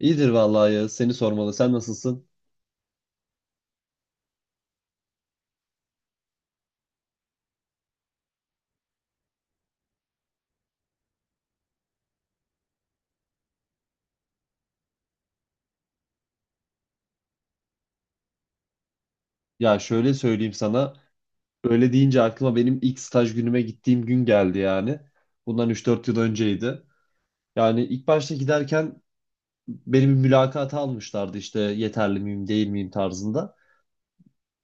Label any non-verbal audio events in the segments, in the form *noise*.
İyidir vallahi ya. Seni sormalı. Sen nasılsın? Ya şöyle söyleyeyim sana. Öyle deyince aklıma benim ilk staj günüme gittiğim gün geldi yani. Bundan 3-4 yıl önceydi. Yani ilk başta giderken benim bir mülakata almışlardı işte yeterli miyim değil miyim tarzında.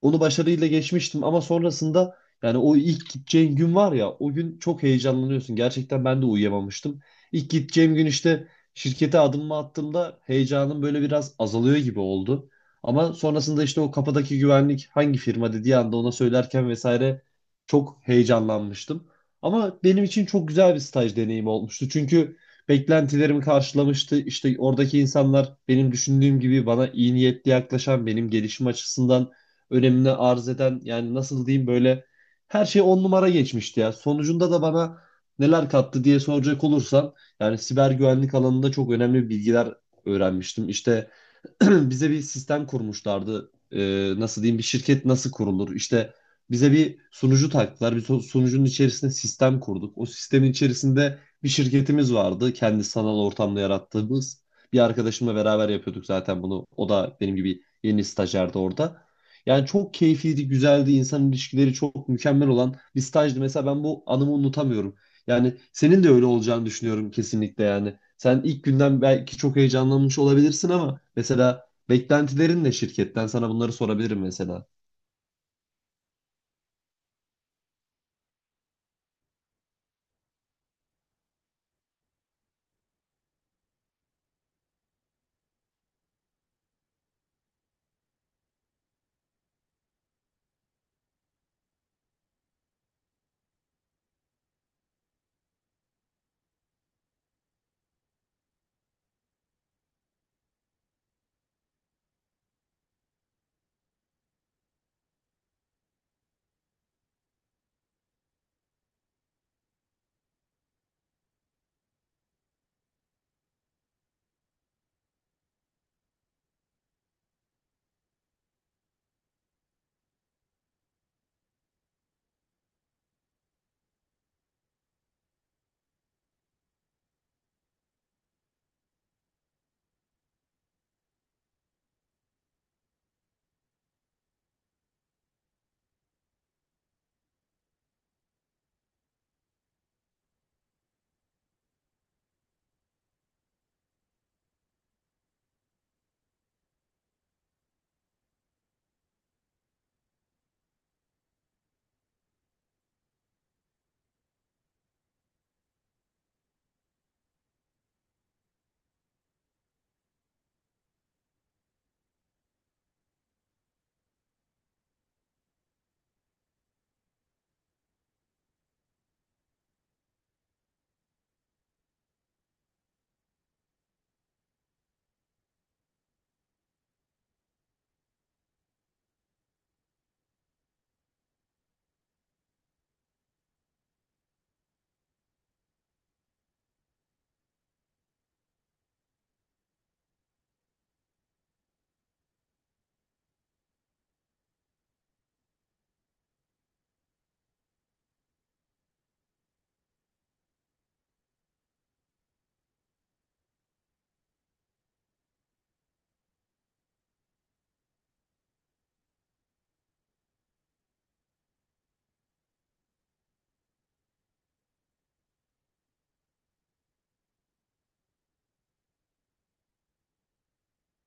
Onu başarıyla geçmiştim ama sonrasında yani o ilk gideceğin gün var ya o gün çok heyecanlanıyorsun. Gerçekten ben de uyuyamamıştım. İlk gideceğim gün işte şirkete adımımı attığımda heyecanım böyle biraz azalıyor gibi oldu. Ama sonrasında işte o kapıdaki güvenlik hangi firma dediği anda ona söylerken vesaire çok heyecanlanmıştım. Ama benim için çok güzel bir staj deneyimi olmuştu. Çünkü beklentilerimi karşılamıştı. İşte oradaki insanlar benim düşündüğüm gibi bana iyi niyetli yaklaşan, benim gelişim açısından önemini arz eden, yani nasıl diyeyim, böyle her şey on numara geçmişti ya. Sonucunda da bana neler kattı diye soracak olursan yani siber güvenlik alanında çok önemli bilgiler öğrenmiştim. İşte *clears throat* bize bir sistem kurmuşlardı. Nasıl diyeyim, bir şirket nasıl kurulur? İşte bize bir sunucu taktılar. Bir sunucunun içerisinde sistem kurduk. O sistemin içerisinde bir şirketimiz vardı. Kendi sanal ortamda yarattığımız. Bir arkadaşımla beraber yapıyorduk zaten bunu. O da benim gibi yeni stajyerdi orada. Yani çok keyifliydi, güzeldi. İnsan ilişkileri çok mükemmel olan bir stajdı. Mesela ben bu anımı unutamıyorum. Yani senin de öyle olacağını düşünüyorum kesinlikle yani. Sen ilk günden belki çok heyecanlanmış olabilirsin ama mesela beklentilerin ne şirketten? Sana bunları sorabilirim mesela.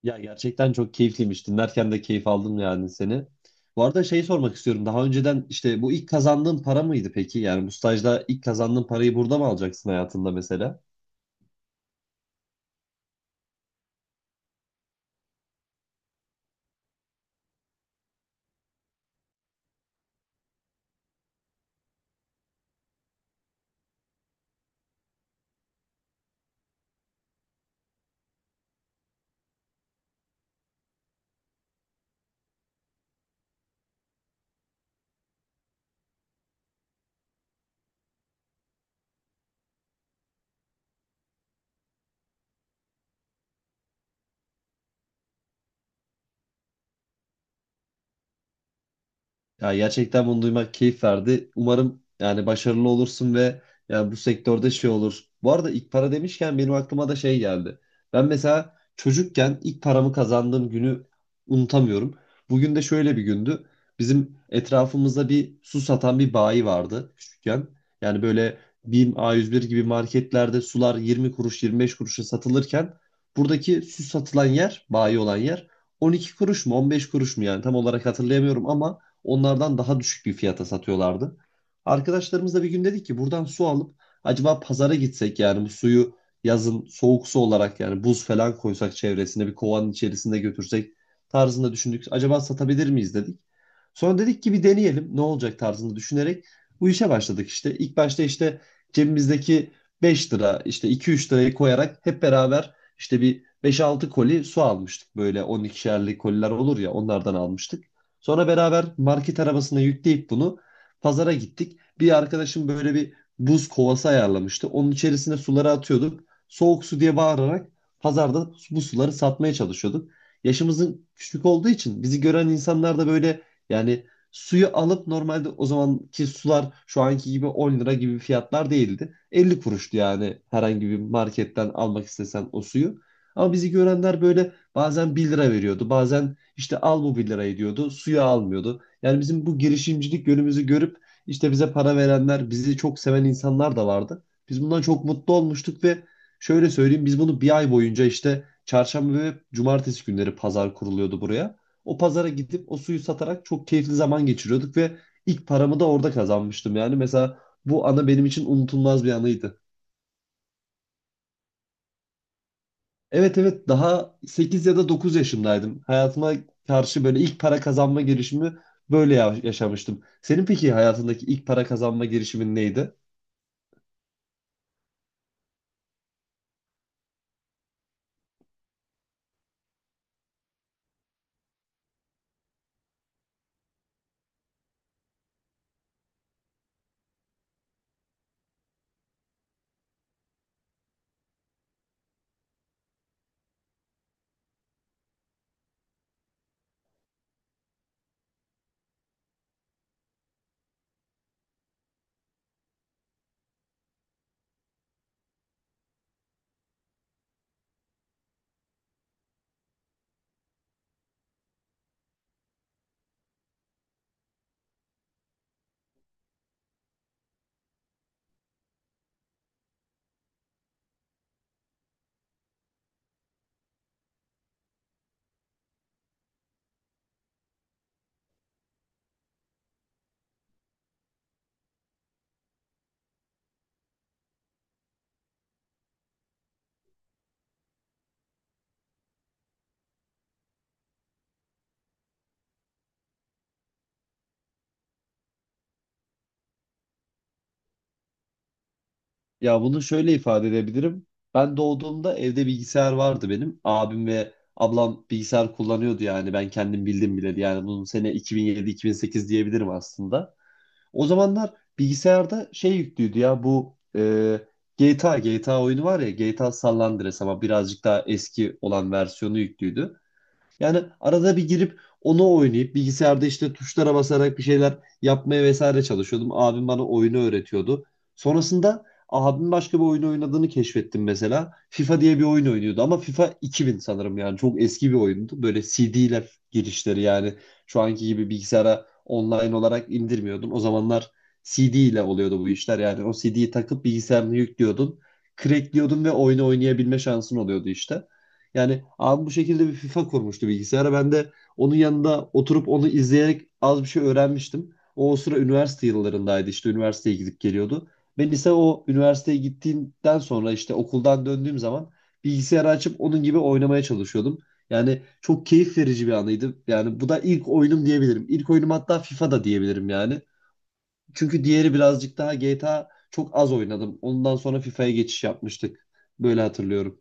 Ya gerçekten çok keyifliymiş. Dinlerken de keyif aldım yani seni. Bu arada şey sormak istiyorum. Daha önceden işte bu ilk kazandığın para mıydı peki? Yani bu stajda ilk kazandığın parayı burada mı alacaksın hayatında mesela? Ya gerçekten bunu duymak keyif verdi. Umarım yani başarılı olursun ve yani bu sektörde şey olur. Bu arada ilk para demişken benim aklıma da şey geldi. Ben mesela çocukken ilk paramı kazandığım günü unutamıyorum. Bugün de şöyle bir gündü. Bizim etrafımızda bir su satan bir bayi vardı küçükken. Yani böyle BİM, a yüz bir gibi marketlerde sular 20 kuruş 25 kuruşa satılırken buradaki su satılan yer, bayi olan yer 12 kuruş mu 15 kuruş mu, yani tam olarak hatırlayamıyorum, ama onlardan daha düşük bir fiyata satıyorlardı. Arkadaşlarımızla bir gün dedik ki buradan su alıp acaba pazara gitsek, yani bu suyu yazın soğuk su olarak, yani buz falan koysak çevresine bir kovanın içerisinde götürsek tarzında düşündük. Acaba satabilir miyiz dedik. Sonra dedik ki bir deneyelim ne olacak tarzında düşünerek bu işe başladık işte. İlk başta işte cebimizdeki 5 lira, işte 2-3 lirayı koyarak hep beraber işte bir 5-6 koli su almıştık. Böyle 12'şerli koliler olur ya, onlardan almıştık. Sonra beraber market arabasına yükleyip bunu pazara gittik. Bir arkadaşım böyle bir buz kovası ayarlamıştı. Onun içerisine suları atıyorduk. Soğuk su diye bağırarak pazarda bu suları satmaya çalışıyorduk. Yaşımızın küçük olduğu için bizi gören insanlar da böyle, yani suyu alıp, normalde o zamanki sular şu anki gibi 10 lira gibi fiyatlar değildi. 50 kuruştu yani herhangi bir marketten almak istesen o suyu. Ama bizi görenler böyle bazen 1 lira veriyordu, bazen işte al bu bir lirayı diyordu. Suyu almıyordu. Yani bizim bu girişimcilik yönümüzü görüp işte bize para verenler, bizi çok seven insanlar da vardı. Biz bundan çok mutlu olmuştuk ve şöyle söyleyeyim, biz bunu bir ay boyunca işte çarşamba ve cumartesi günleri pazar kuruluyordu buraya. O pazara gidip o suyu satarak çok keyifli zaman geçiriyorduk ve ilk paramı da orada kazanmıştım. Yani mesela bu ana benim için unutulmaz bir anıydı. Evet, evet, daha 8 ya da 9 yaşındaydım. Hayatıma karşı böyle ilk para kazanma girişimi böyle yaşamıştım. Senin peki hayatındaki ilk para kazanma girişimin neydi? Ya bunu şöyle ifade edebilirim. Ben doğduğumda evde bilgisayar vardı benim. Abim ve ablam bilgisayar kullanıyordu, yani ben kendim bildim bile. Yani bunun sene 2007-2008 diyebilirim aslında. O zamanlar bilgisayarda şey yüklüydü ya, bu GTA oyunu var ya, GTA San Andreas ama birazcık daha eski olan versiyonu yüklüydü. Yani arada bir girip onu oynayıp bilgisayarda işte tuşlara basarak bir şeyler yapmaya vesaire çalışıyordum. Abim bana oyunu öğretiyordu. Sonrasında abim başka bir oyun oynadığını keşfettim mesela. FIFA diye bir oyun oynuyordu ama FIFA 2000 sanırım, yani çok eski bir oyundu. Böyle CD'ler girişleri, yani şu anki gibi bilgisayara online olarak indirmiyordun. O zamanlar CD ile oluyordu bu işler. Yani o CD'yi takıp bilgisayarını yüklüyordun, crackliyordun ve oyunu oynayabilme şansın oluyordu işte. Yani abi bu şekilde bir FIFA kurmuştu bilgisayara. Ben de onun yanında oturup onu izleyerek az bir şey öğrenmiştim. O sıra üniversite yıllarındaydı, işte üniversiteye gidip geliyordu. Ve lise o üniversiteye gittiğimden sonra işte okuldan döndüğüm zaman bilgisayarı açıp onun gibi oynamaya çalışıyordum. Yani çok keyif verici bir anıydı. Yani bu da ilk oyunum diyebilirim. İlk oyunum hatta FIFA da diyebilirim yani. Çünkü diğeri birazcık daha, GTA çok az oynadım. Ondan sonra FIFA'ya geçiş yapmıştık. Böyle hatırlıyorum.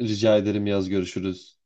Rica ederim, yaz görüşürüz.